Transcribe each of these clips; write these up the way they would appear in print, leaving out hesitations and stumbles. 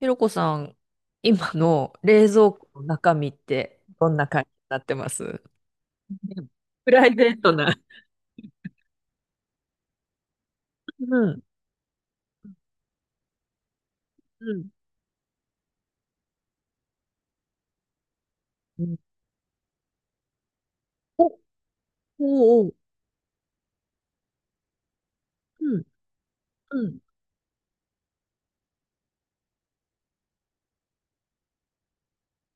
ひろこさん、今の冷蔵庫の中身ってどんな感じになってます？プライベートな。うん、うん。おうおう。うん、うん、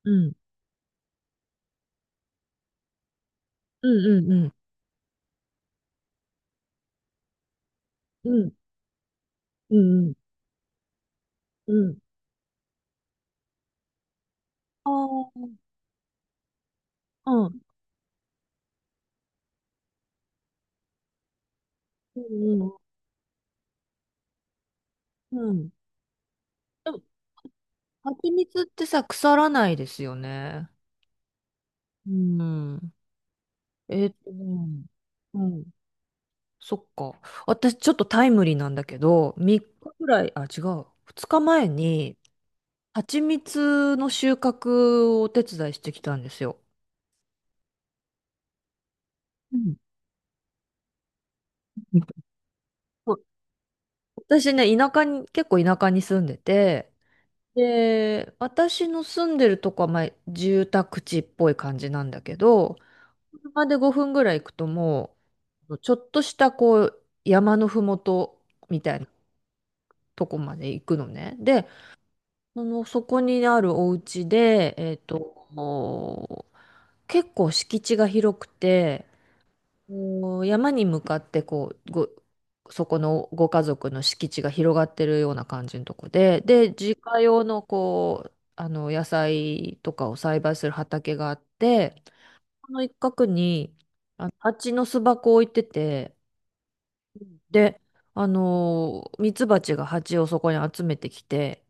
うん、うん、うん、うん、うん、うん。うん。ああ、うん、うん、うん。うん。でも、蜂蜜ってさ、腐らないですよね。うん。うん。うん、そっか。私、ちょっとタイムリーなんだけど、3日ぐらい、あ、違う。2日前に、蜂蜜の収穫をお手伝いしてきたんですよ。うん、そう。私ね、田舎に、結構田舎に住んでて、で、私の住んでるとこは、まあ、住宅地っぽい感じなんだけど、車で5分ぐらい行くともう、ちょっとしたこう、山のふもとみたいなとこまで行くのね。で、その、そこにあるお家で、もう結構敷地が広くて、こう山に向かってこうそこのご家族の敷地が広がってるような感じのとこで、で自家用の野菜とかを栽培する畑があって、その一角に蜂の巣箱を置いてて、でミツバチが蜂をそこに集めてきて、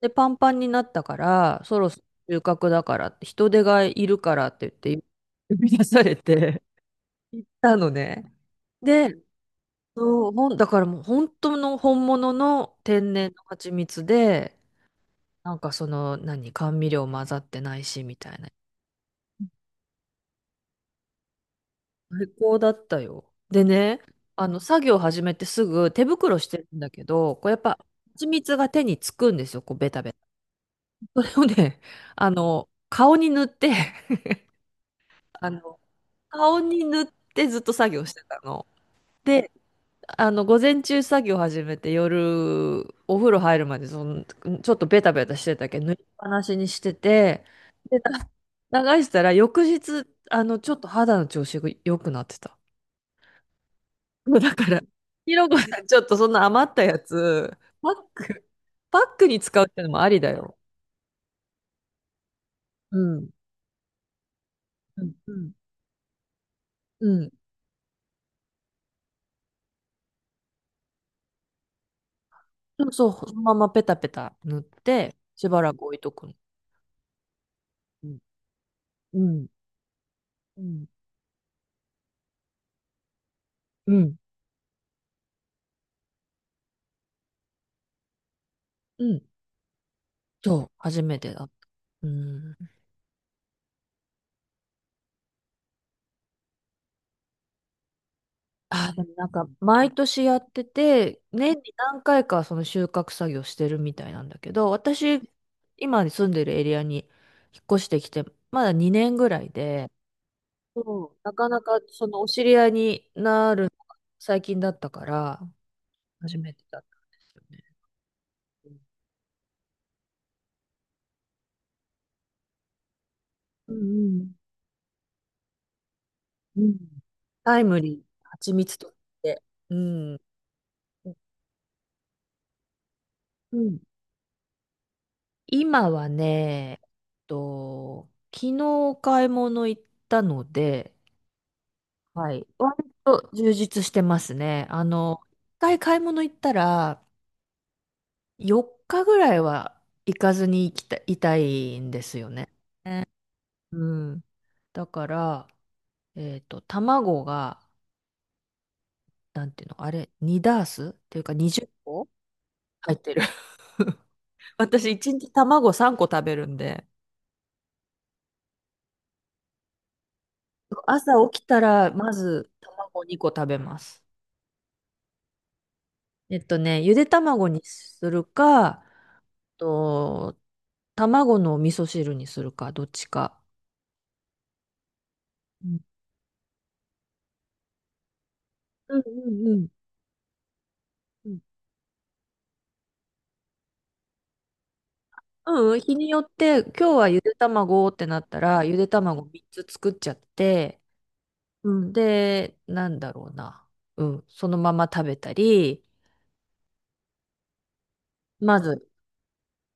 でパンパンになったからそろそろ収穫だからって人手がいるからって言って呼び出されて行ったのね。で、そう、もう、だからもう本当の本物の天然の蜂蜜で、なんかその、何、甘味料混ざってないし、みたいな。最高だったよ。でね、作業始めてすぐ手袋してるんだけど、こうやっぱ蜂蜜が手につくんですよ、こうベタベタ。それをね、顔に塗って、あの、顔に塗ってずっと作業してたの。で、午前中作業始めて夜、お風呂入るまで、その、ちょっとベタベタしてたけど、塗りっぱなしにしてて、で、流したら翌日、ちょっと肌の調子が良くなってた。もうだから、ひろこさん、ちょっとそんな余ったやつ、パック、パックに使うってのもありだよ。うん。うん。うん。うん。そうそう、そのままペタペタ塗って、しばらく置いとくの。うん。うん。うん。うん。うん。そう、初めてだった。うん。あー、でもなんか、毎年やってて、年に何回かその収穫作業してるみたいなんだけど、私、今住んでるエリアに引っ越してきて、まだ2年ぐらいで、そうなかなかそのお知り合いになるのが最近だったから、初めてだったんですよね。うんうんうん。タイムリー、蜂蜜とか言って。うん。うん。今はね、昨日お買い物行ったので、はい。割と充実してますね。一回買い物行ったら、4日ぐらいは行かずに行きた、いたいんですよね。うん。だから、卵が、なんていうの、あれ、2ダースっていうか20個入ってる。私、1日卵3個食べるんで、朝起きたら、まず卵2個食べます。ゆで卵にするか、と、卵の味噌汁にするか、どっちか。うんうんうんうん。うん、日によって、今日はゆで卵ってなったら、ゆで卵3つ作っちゃって、うん、で、なんだろうな。うん、そのまま食べたり、まず、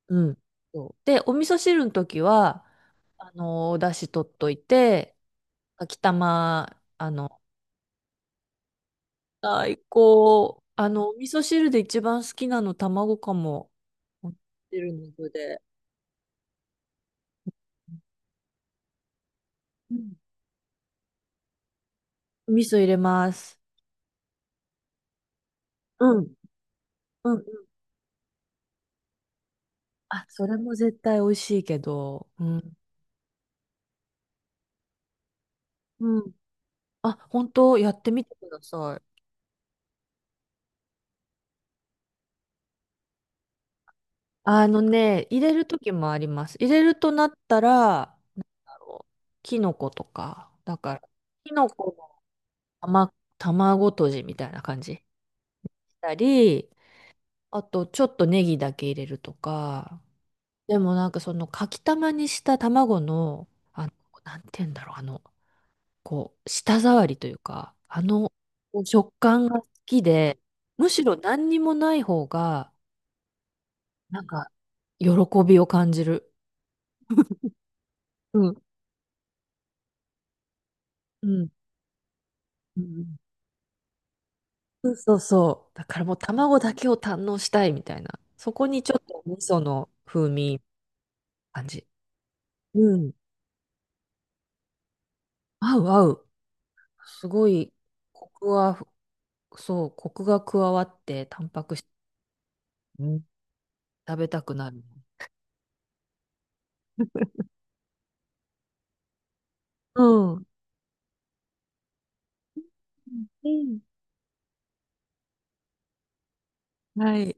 うん。そうで、お味噌汁の時は、お出汁取っといて、秋玉、最高。お味噌汁で一番好きなの卵かも。持ってるので。うん、お味噌入れます。うん。うん。あ、それも絶対美味しいけど。うん。うん。あ、本当やってみてください。あのね、入れる時もあります。入れるとなったら、あのキノコとか、だから、キノコの卵とじみたいな感じしたり、あとちょっとネギだけ入れるとか、でもなんかそのかきたまにした卵の、あの、なんて言うんだろう、こう、舌触りというか、食感が好きで、むしろ何にもない方が、なんか、喜びを感じる。うん。うん。うん。そうそうそう。だからもう卵だけを堪能したいみたいな。そこにちょっと味噌の風味感じ。うん。合う合う。すごい、コクは、そう、コクが加わって、タンパク質食べたくなる。うん。はい。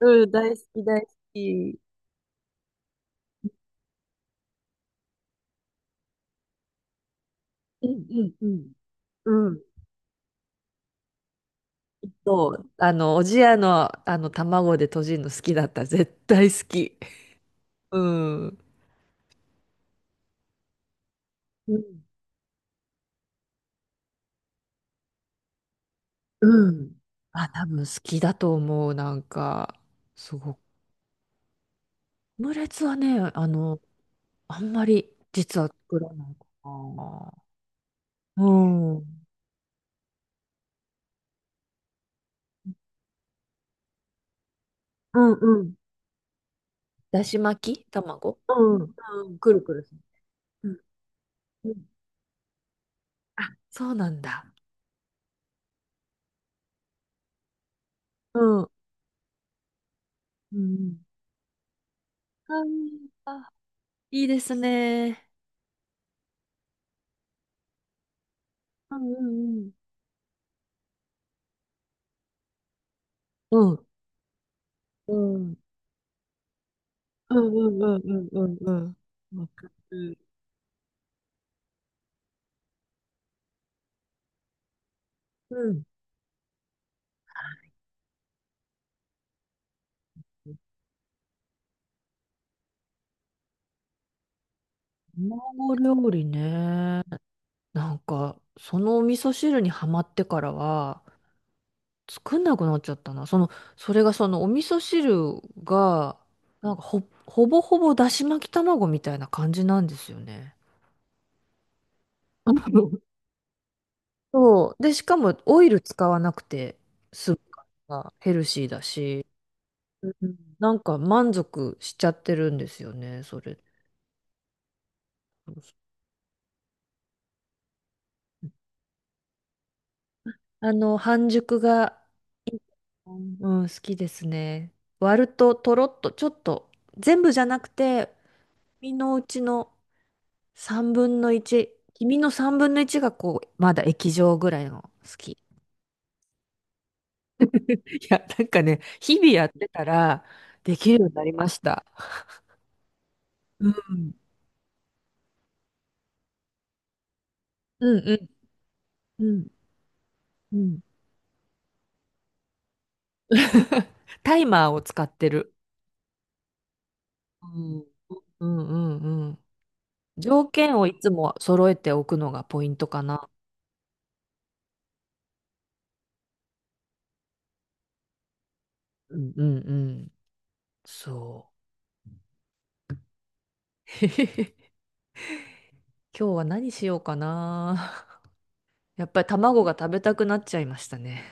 うん、大好き、大好き。うんうんうん。うん。そう、おじやの、卵でとじるの好きだった。絶対好き。うん。うん。うん。あ、多分好きだと思う。なんか、すごく。オムレツはね、あんまり実は作らないかな。うん。うんうん。だし巻き卵。うん。うん。くるくるする。うんうん。あ、そうなんだ。うん。うんうん。あー、いいですね。うんうんうん。うん。うん。うんうんうんうんうんうん。わかる。うん。卵料理ね。なんか、そのお味噌汁にはまってからは、作んなくなっちゃったな。その、それがそのお味噌汁が、なんかほぼほぼだし巻き卵みたいな感じなんですよね。そう。で、しかもオイル使わなくて、スープがヘルシーだし、うん、なんか満足しちゃってるんですよね、それ。半熟が、うん、好きですね。割ると、とろっと、ちょっと、全部じゃなくて、身のうちの3分の1、黄身の3分の1がこう、まだ液状ぐらいの好き。いや、なんかね、日々やってたらできるようになりました。うん。うんうん。うん。うん。タイマーを使ってる。うん。うんうんうん。条件をいつも揃えておくのがポイントかな。うんうんうん。そう。へへへ今日は何しようかな。やっぱり卵が食べたくなっちゃいましたね。